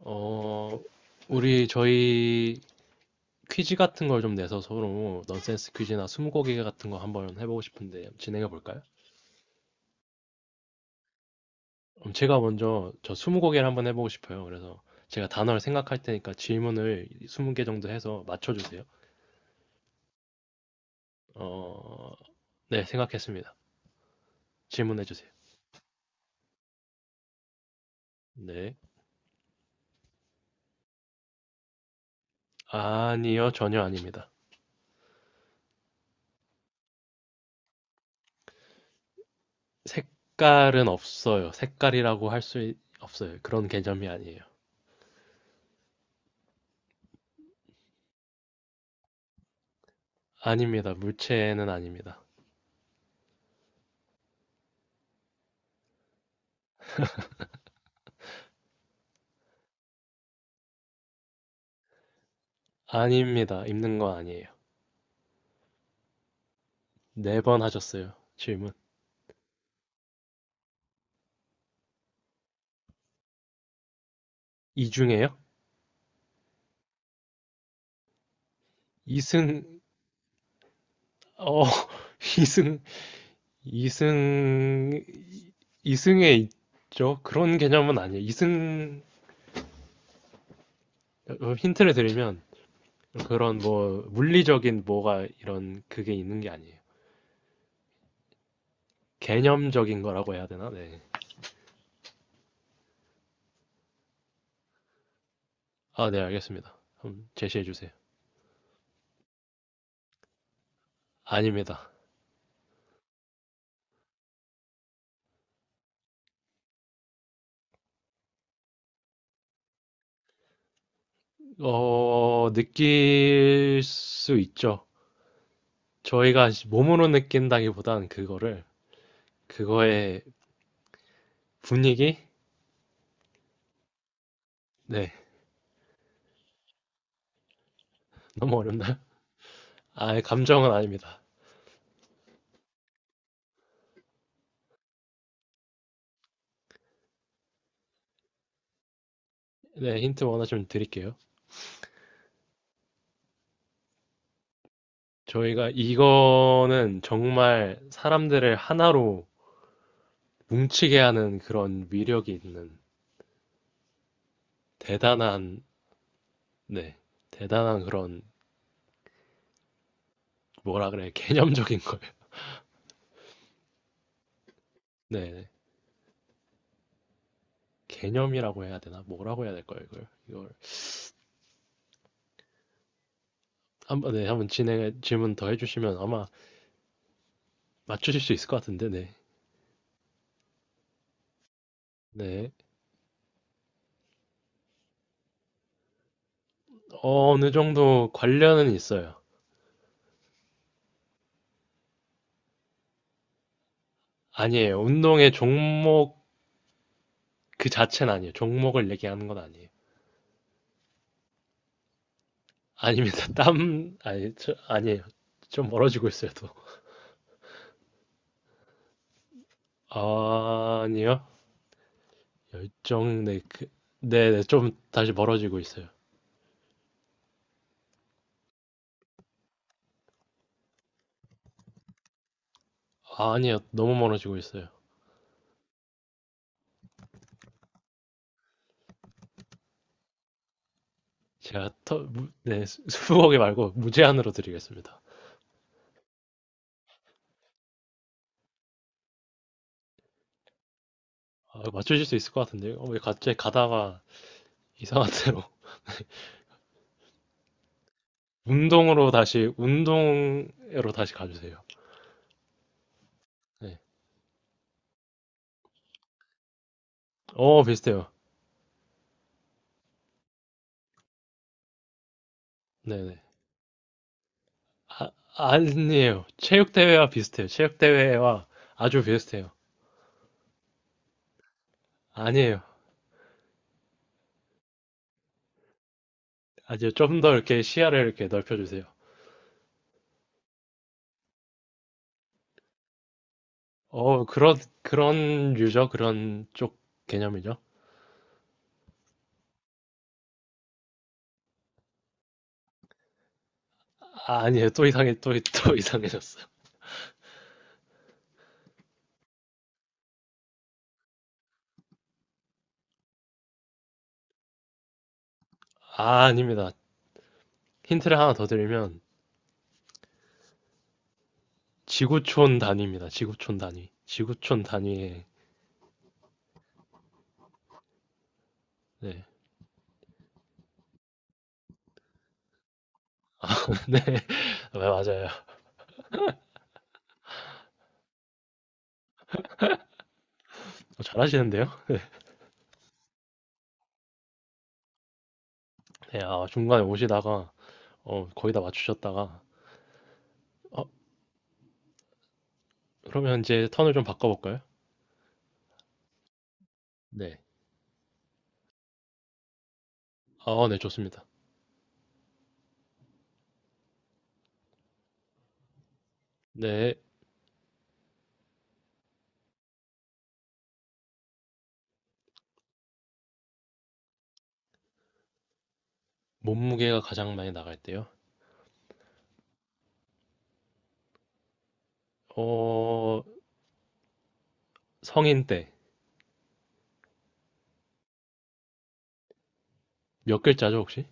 어, 우리 저희 퀴즈 같은 걸 좀 내서 서로 넌센스 퀴즈나 스무고개 같은 거 한번 해보고 싶은데 진행해 볼까요? 그럼 제가 먼저 저 스무고개를 한번 해보고 싶어요. 그래서 제가 단어를 생각할 테니까 질문을 20개 정도 해서 맞춰주세요. 어, 네, 생각했습니다. 질문해 주세요. 네. 아니요, 전혀 아닙니다. 색깔은 없어요. 색깔이라고 할 수 없어요. 그런 개념이 아니에요. 아닙니다. 물체는 아닙니다. 아닙니다. 입는 건 아니에요. 4번 하셨어요. 질문. 이 중에요? 이승, 어, 이승, 이승, 이승에 있죠? 그런 개념은 아니에요. 힌트를 드리면, 그런 뭐, 물리적인 뭐가 이런 그게 있는 게 아니에요. 개념적인 거라고 해야 되나? 네. 아, 네, 알겠습니다. 그럼 제시해 주세요. 아닙니다. 느낄 수 있죠. 저희가 몸으로 느낀다기보단 그거를, 그거의 분위기? 네, 너무 어렵나요? 아, 감정은 아닙니다. 네, 힌트 원하시면 드릴게요. 저희가 이거는 정말 사람들을 하나로 뭉치게 하는 그런 위력이 있는 대단한, 네, 대단한 그런 뭐라 그래, 개념적인 거예요. 네, 네. 개념이라고 해야 되나? 뭐라고 해야 될까요, 이걸? 이걸 한번, 네, 한번 진행해, 질문 더 해주시면 아마 맞추실 수 있을 것 같은데, 네. 네, 어느 정도 관련은 있어요. 아니에요. 운동의 종목 그 자체는 아니에요. 종목을 얘기하는 건 아니에요. 아닙니다. 땀, 아니, 저, 아니에요. 좀 멀어지고 있어요, 또. 아, 아니요. 열정, 네, 그, 네, 네, 좀 다시 멀어지고 있어요. 아, 아니요. 너무 멀어지고 있어요. 제가 네, 수북이 말고 무제한으로 드리겠습니다. 아, 맞추실 수 있을 것 같은데요. 왜 갑자기 가다가 이상한 데로. 운동으로 다시, 운동으로 다시 가주세요. 네. 비슷해요. 네네. 아, 아니에요. 체육대회와 비슷해요. 체육대회와 아주 비슷해요. 아니에요. 아주 좀 더 이렇게 시야를 이렇게 넓혀주세요. 그런, 그런 유저, 그런 쪽 개념이죠. 아, 아니에요. 또 이상해, 또, 또 이상해졌어. 아, 아닙니다. 힌트를 하나 더 드리면, 지구촌 단위입니다. 지구촌 단위. 지구촌 단위에, 네. 네, 맞아요. 잘하시는데요? 네, 아, 중간에 오시다가, 거의 다 맞추셨다가, 어, 그러면 이제 턴을 좀 바꿔볼까요? 네. 아, 네, 좋습니다. 네, 몸무게가 가장 많이 나갈 때요. 어, 성인 때. 몇 글자죠, 혹시?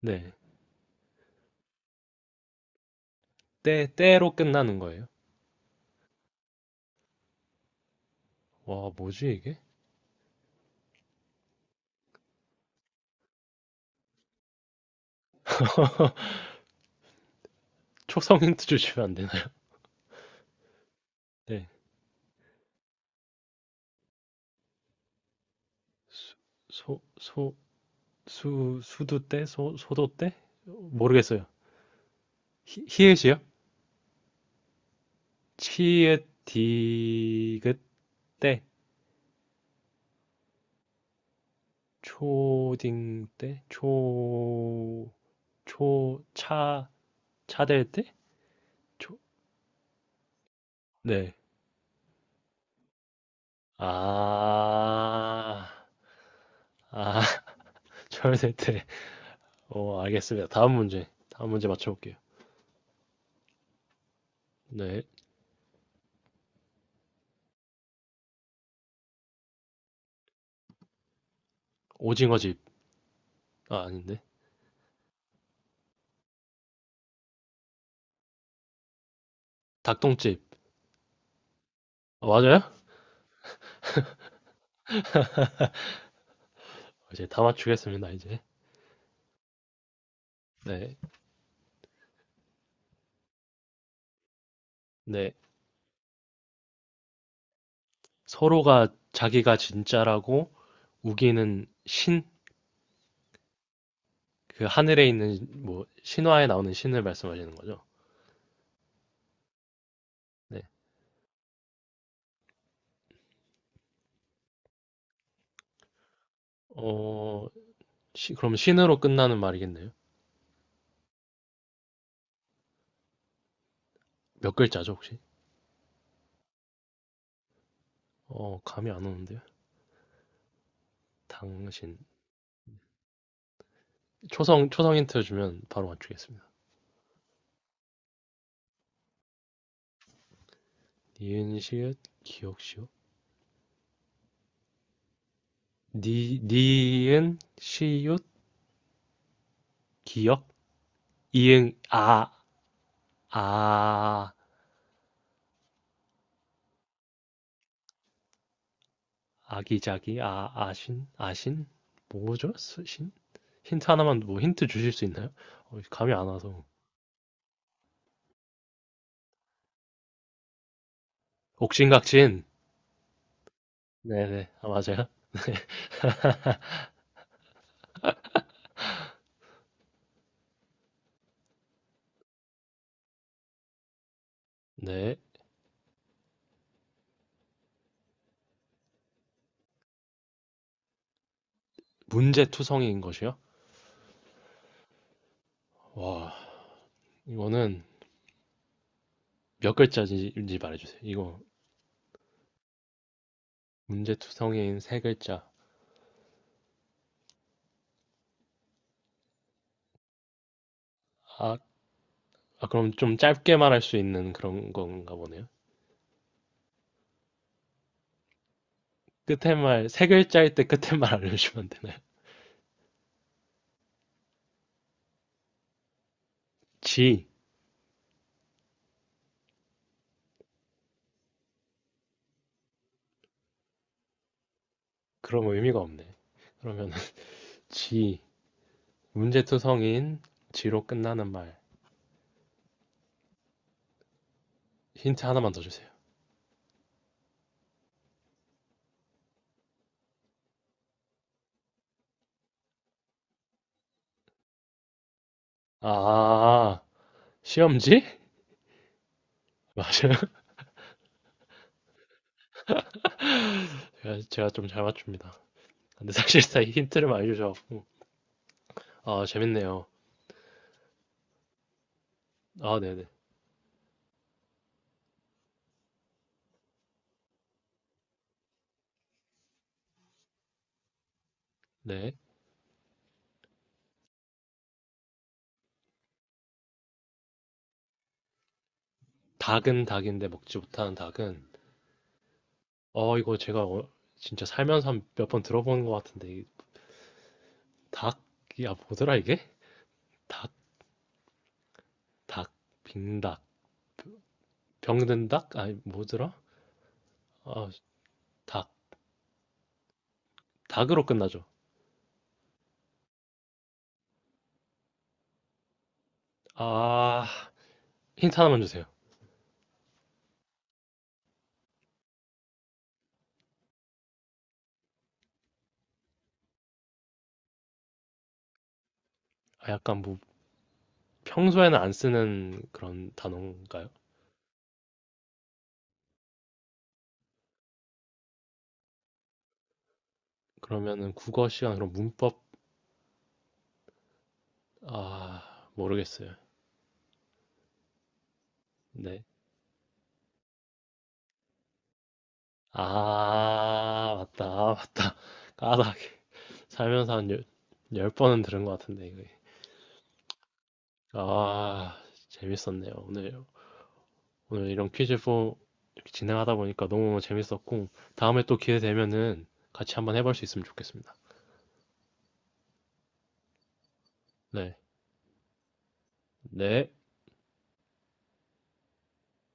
네, 때, 때로 끝나는 거예요. 와, 뭐지, 이게? 초성 힌트 주시면 안 되나요? 네, 수, 소, 소, 수, 수도 때? 소, 소도 때? 모르겠어요. 히읗이요? 치읓, 디귿, 때. 초딩 때? 초, 초, 차, 차될 때? 초, 네. 아, 아, 철세태. 알겠습니다. 다음 문제. 다음 문제 맞춰볼게요. 네. 오징어집. 아, 아닌데. 닭똥집. 아, 맞아요? 이제 다 맞추겠습니다, 이제. 네. 네. 서로가 자기가 진짜라고 우기는 신? 그 하늘에 있는, 뭐, 신화에 나오는 신을 말씀하시는 거죠? 네. 어, 그럼 신으로 끝나는 말이겠네요. 몇 글자죠, 혹시? 감이 안 오는데요. 당신. 초성, 초성 힌트 주면 바로 맞추겠습니다. 니은, 시읒, 기억, 시옷. 니은, 시읒, 기억, 이응, 아, 아, 아기자기, 아, 아신, 아신? 뭐죠? 신? 힌트 하나만, 뭐 힌트 주실 수 있나요? 감이 안 와서. 옥신각신. 네네, 아, 맞아요. 네. 문제투성이인 것이요? 와, 이거는 몇 글자인지 말해주세요. 이거 문제투성이인 세 글자. 아, 아, 그럼 좀 짧게 말할 수 있는 그런 건가 보네요. 끝에 말, 세 글자일 때 끝에 말 알려주면 안 되나요? 지. 그럼 의미가 없네. 그러면은, 지. 문제투성인, 지로 끝나는 말. 힌트 하나만 더 주세요. 아, 시험지? 맞아요. 제가, 제가 좀 잘 맞춥니다. 근데 사실상 이 힌트를 많이 주셔갖고, 아, 재밌네요. 아, 네네. 네. 닭은 닭인데 먹지 못하는 닭은, 이거 제가 진짜 살면서 몇 번 들어보는 것 같은데, 닭, 야, 뭐더라, 이게? 닭, 닭, 빙닭, 병든 닭? 아니, 뭐더라? 아, 닭, 닭으로 끝나죠. 아, 힌트 하나만 주세요. 아, 약간 뭐, 평소에는 안 쓰는 그런 단어인가요? 그러면은 국어 시간, 그럼 문법, 아, 모르겠어요. 네. 아, 맞다, 아, 맞다. 까닭. 살면서 한 열 번은 들은 것 같은데, 이거. 아, 재밌었네요. 오늘 이런 퀴즈 포 이렇게 진행하다 보니까 너무 재밌었고, 다음에 또 기회 되면은 같이 한번 해볼 수 있으면 좋겠습니다. 네. 네.